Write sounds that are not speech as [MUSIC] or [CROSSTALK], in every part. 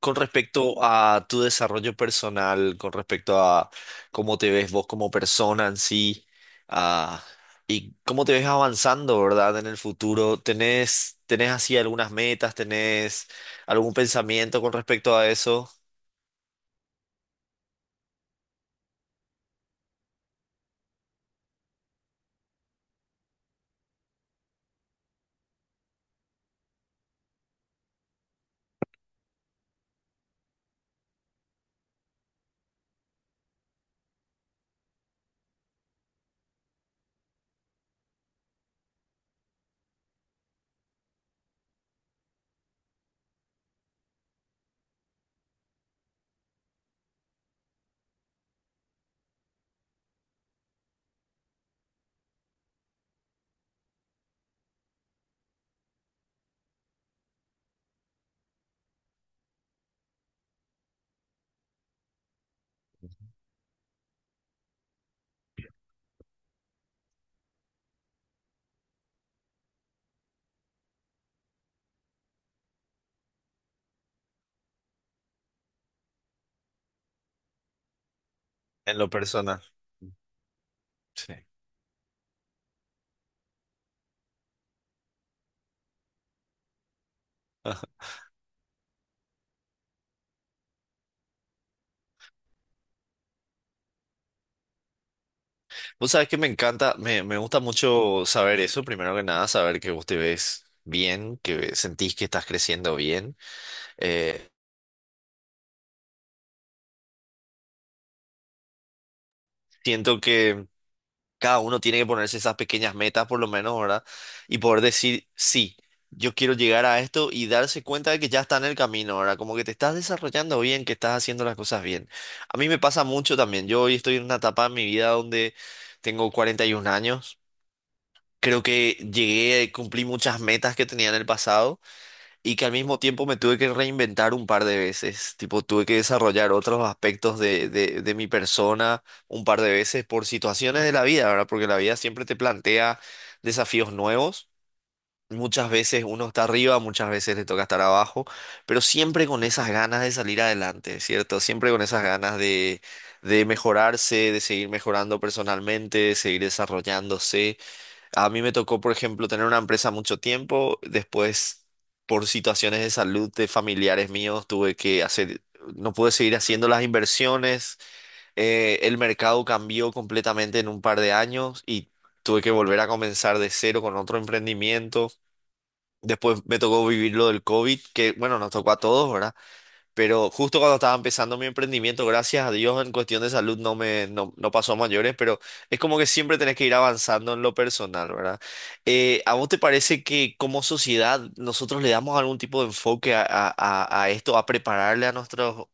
Con respecto a tu desarrollo personal, con respecto a cómo te ves vos como persona en sí, ah, y cómo te ves avanzando, ¿verdad? En el futuro, ¿tenés así algunas metas, tenés algún pensamiento con respecto a eso en lo personal? Sí. Ajá. Vos sabés que me encanta, me gusta mucho saber eso, primero que nada, saber que vos te ves bien, que sentís que estás creciendo bien. Eh, siento que cada uno tiene que ponerse esas pequeñas metas por lo menos, ¿verdad? Y poder decir, sí, yo quiero llegar a esto y darse cuenta de que ya está en el camino, ¿verdad? Como que te estás desarrollando bien, que estás haciendo las cosas bien. A mí me pasa mucho también. Yo hoy estoy en una etapa de mi vida donde tengo 41 años. Creo que llegué, cumplí muchas metas que tenía en el pasado. Y que al mismo tiempo me tuve que reinventar un par de veces, tipo tuve que desarrollar otros aspectos de mi persona un par de veces por situaciones de la vida, ¿verdad? Porque la vida siempre te plantea desafíos nuevos, muchas veces uno está arriba, muchas veces le toca estar abajo, pero siempre con esas ganas de salir adelante, ¿cierto? Siempre con esas ganas de mejorarse, de seguir mejorando personalmente, de seguir desarrollándose. A mí me tocó, por ejemplo, tener una empresa mucho tiempo, después por situaciones de salud de familiares míos tuve que hacer, no pude seguir haciendo las inversiones, el mercado cambió completamente en un par de años y tuve que volver a comenzar de cero con otro emprendimiento. Después me tocó vivir lo del COVID, que bueno, nos tocó a todos, ¿verdad? Pero justo cuando estaba empezando mi emprendimiento, gracias a Dios, en cuestión de salud no me no, no pasó a mayores, pero es como que siempre tenés que ir avanzando en lo personal, ¿verdad? ¿A vos te parece que como sociedad nosotros le damos algún tipo de enfoque a esto, a prepararle a nuestros,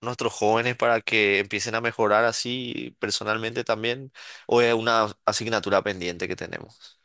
nuestros jóvenes para que empiecen a mejorar así personalmente también? ¿O es una asignatura pendiente que tenemos?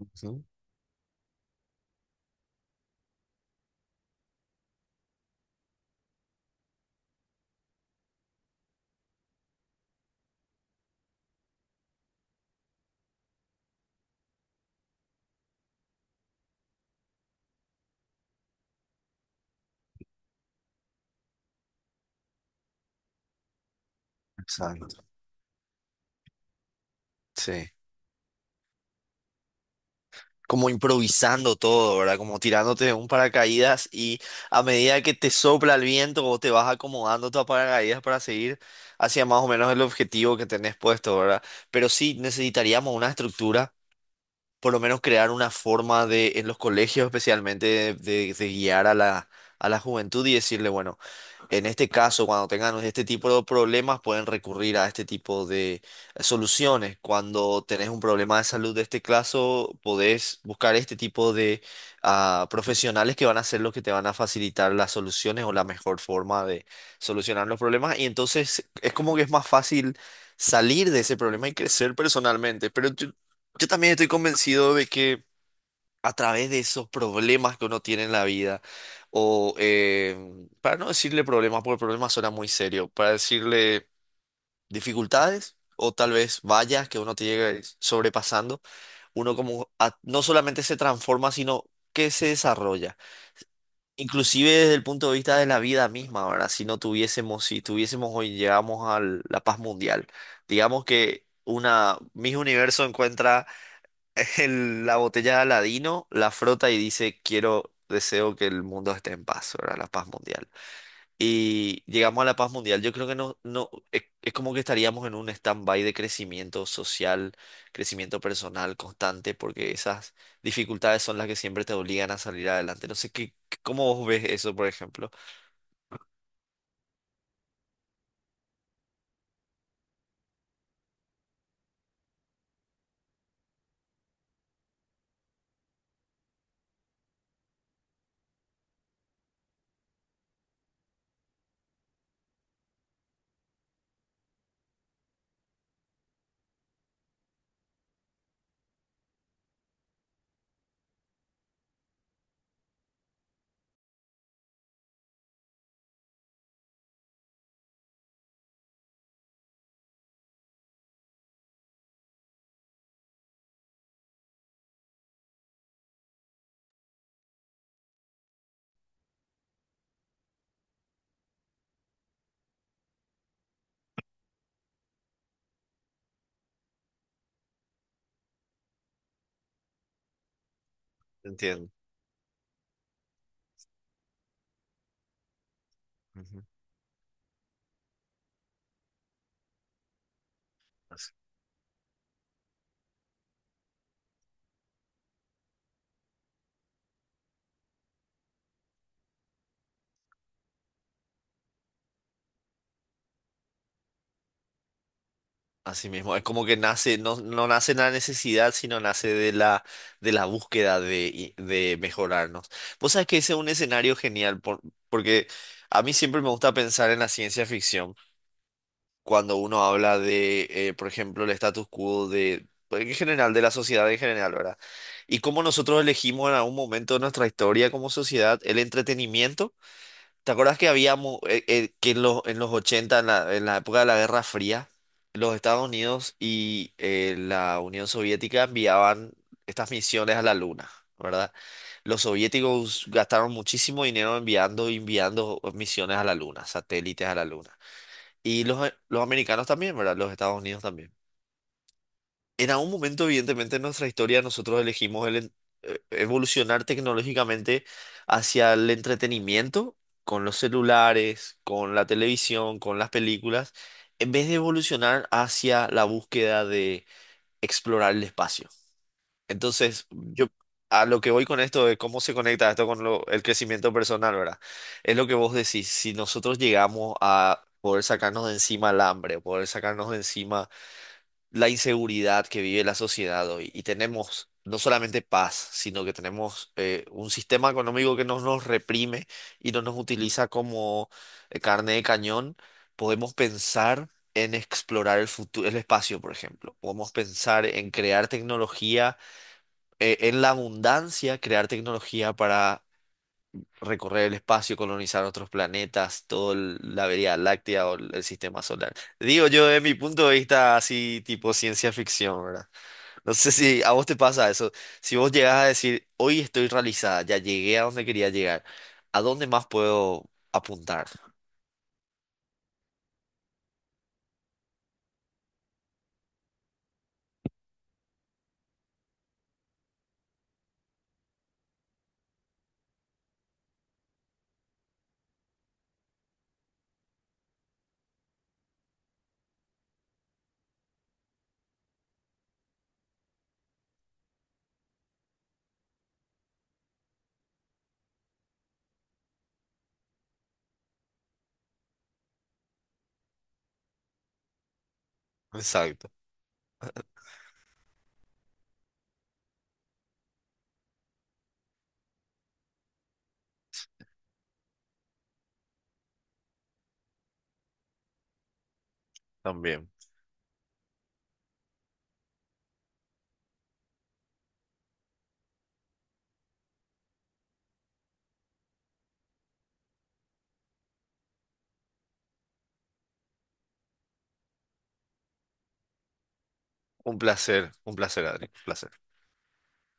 Ujú. Exacto. Sí. Como improvisando todo, ¿verdad? Como tirándote de un paracaídas y a medida que te sopla el viento o te vas acomodando tu paracaídas para seguir hacia más o menos el objetivo que tenés puesto, ¿verdad? Pero sí necesitaríamos una estructura, por lo menos crear una forma de, en los colegios especialmente, de guiar a la juventud y decirle, bueno, en este caso, cuando tengan este tipo de problemas, pueden recurrir a este tipo de soluciones. Cuando tenés un problema de salud de este caso, podés buscar este tipo de profesionales que van a ser los que te van a facilitar las soluciones o la mejor forma de solucionar los problemas. Y entonces es como que es más fácil salir de ese problema y crecer personalmente. Yo también estoy convencido de que a través de esos problemas que uno tiene en la vida, o para no decirle problemas, porque problemas suena muy serio, para decirle dificultades o tal vez vallas que uno te llega sobrepasando, uno como no solamente se transforma, sino que se desarrolla. Inclusive desde el punto de vista de la vida misma, ¿verdad? Si tuviésemos hoy llegamos a la paz mundial, digamos que una Miss Universo encuentra [LAUGHS] la botella de Aladino, la frota y dice, quiero, deseo que el mundo esté en paz, ¿verdad? La paz mundial. Y llegamos a la paz mundial. Yo creo que no, no, es como que estaríamos en un stand-by de crecimiento social, crecimiento personal constante, porque esas dificultades son las que siempre te obligan a salir adelante. No sé cómo vos ves eso, por ejemplo. Entiendo. Ujú. Así mismo, es como que nace, no, no nace en la necesidad, sino nace de la búsqueda de mejorarnos. Vos sabés que ese es un escenario genial, porque a mí siempre me gusta pensar en la ciencia ficción, cuando uno habla de, por ejemplo, el status quo de, pues, en general, de la sociedad en general, ¿verdad? Y cómo nosotros elegimos en algún momento de nuestra historia como sociedad el entretenimiento. ¿Te acuerdas que habíamos, que en los 80 en la época de la Guerra Fría, los Estados Unidos y la Unión Soviética enviaban estas misiones a la Luna, ¿verdad? Los soviéticos gastaron muchísimo dinero enviando misiones a la Luna, satélites a la Luna. Y los americanos también, ¿verdad? Los Estados Unidos también. En algún momento, evidentemente, en nuestra historia nosotros elegimos evolucionar tecnológicamente hacia el entretenimiento con los celulares, con la televisión, con las películas, en vez de evolucionar hacia la búsqueda de explorar el espacio. Entonces, yo a lo que voy con esto de cómo se conecta esto con el crecimiento personal, ¿verdad? Es lo que vos decís, si nosotros llegamos a poder sacarnos de encima el hambre, poder sacarnos de encima la inseguridad que vive la sociedad hoy y tenemos no solamente paz, sino que tenemos un sistema económico que no nos reprime y no nos utiliza como carne de cañón, podemos pensar en explorar el futuro, el espacio, por ejemplo. Podemos pensar en crear tecnología, en la abundancia, crear tecnología para recorrer el espacio, colonizar otros planetas, toda la Vía Láctea o el sistema solar. Digo yo, de mi punto de vista, así tipo ciencia ficción, ¿verdad? No sé si a vos te pasa eso. Si vos llegás a decir, hoy estoy realizada, ya llegué a donde quería llegar, ¿a dónde más puedo apuntar? Exacto, también. Un placer, Adri, un placer.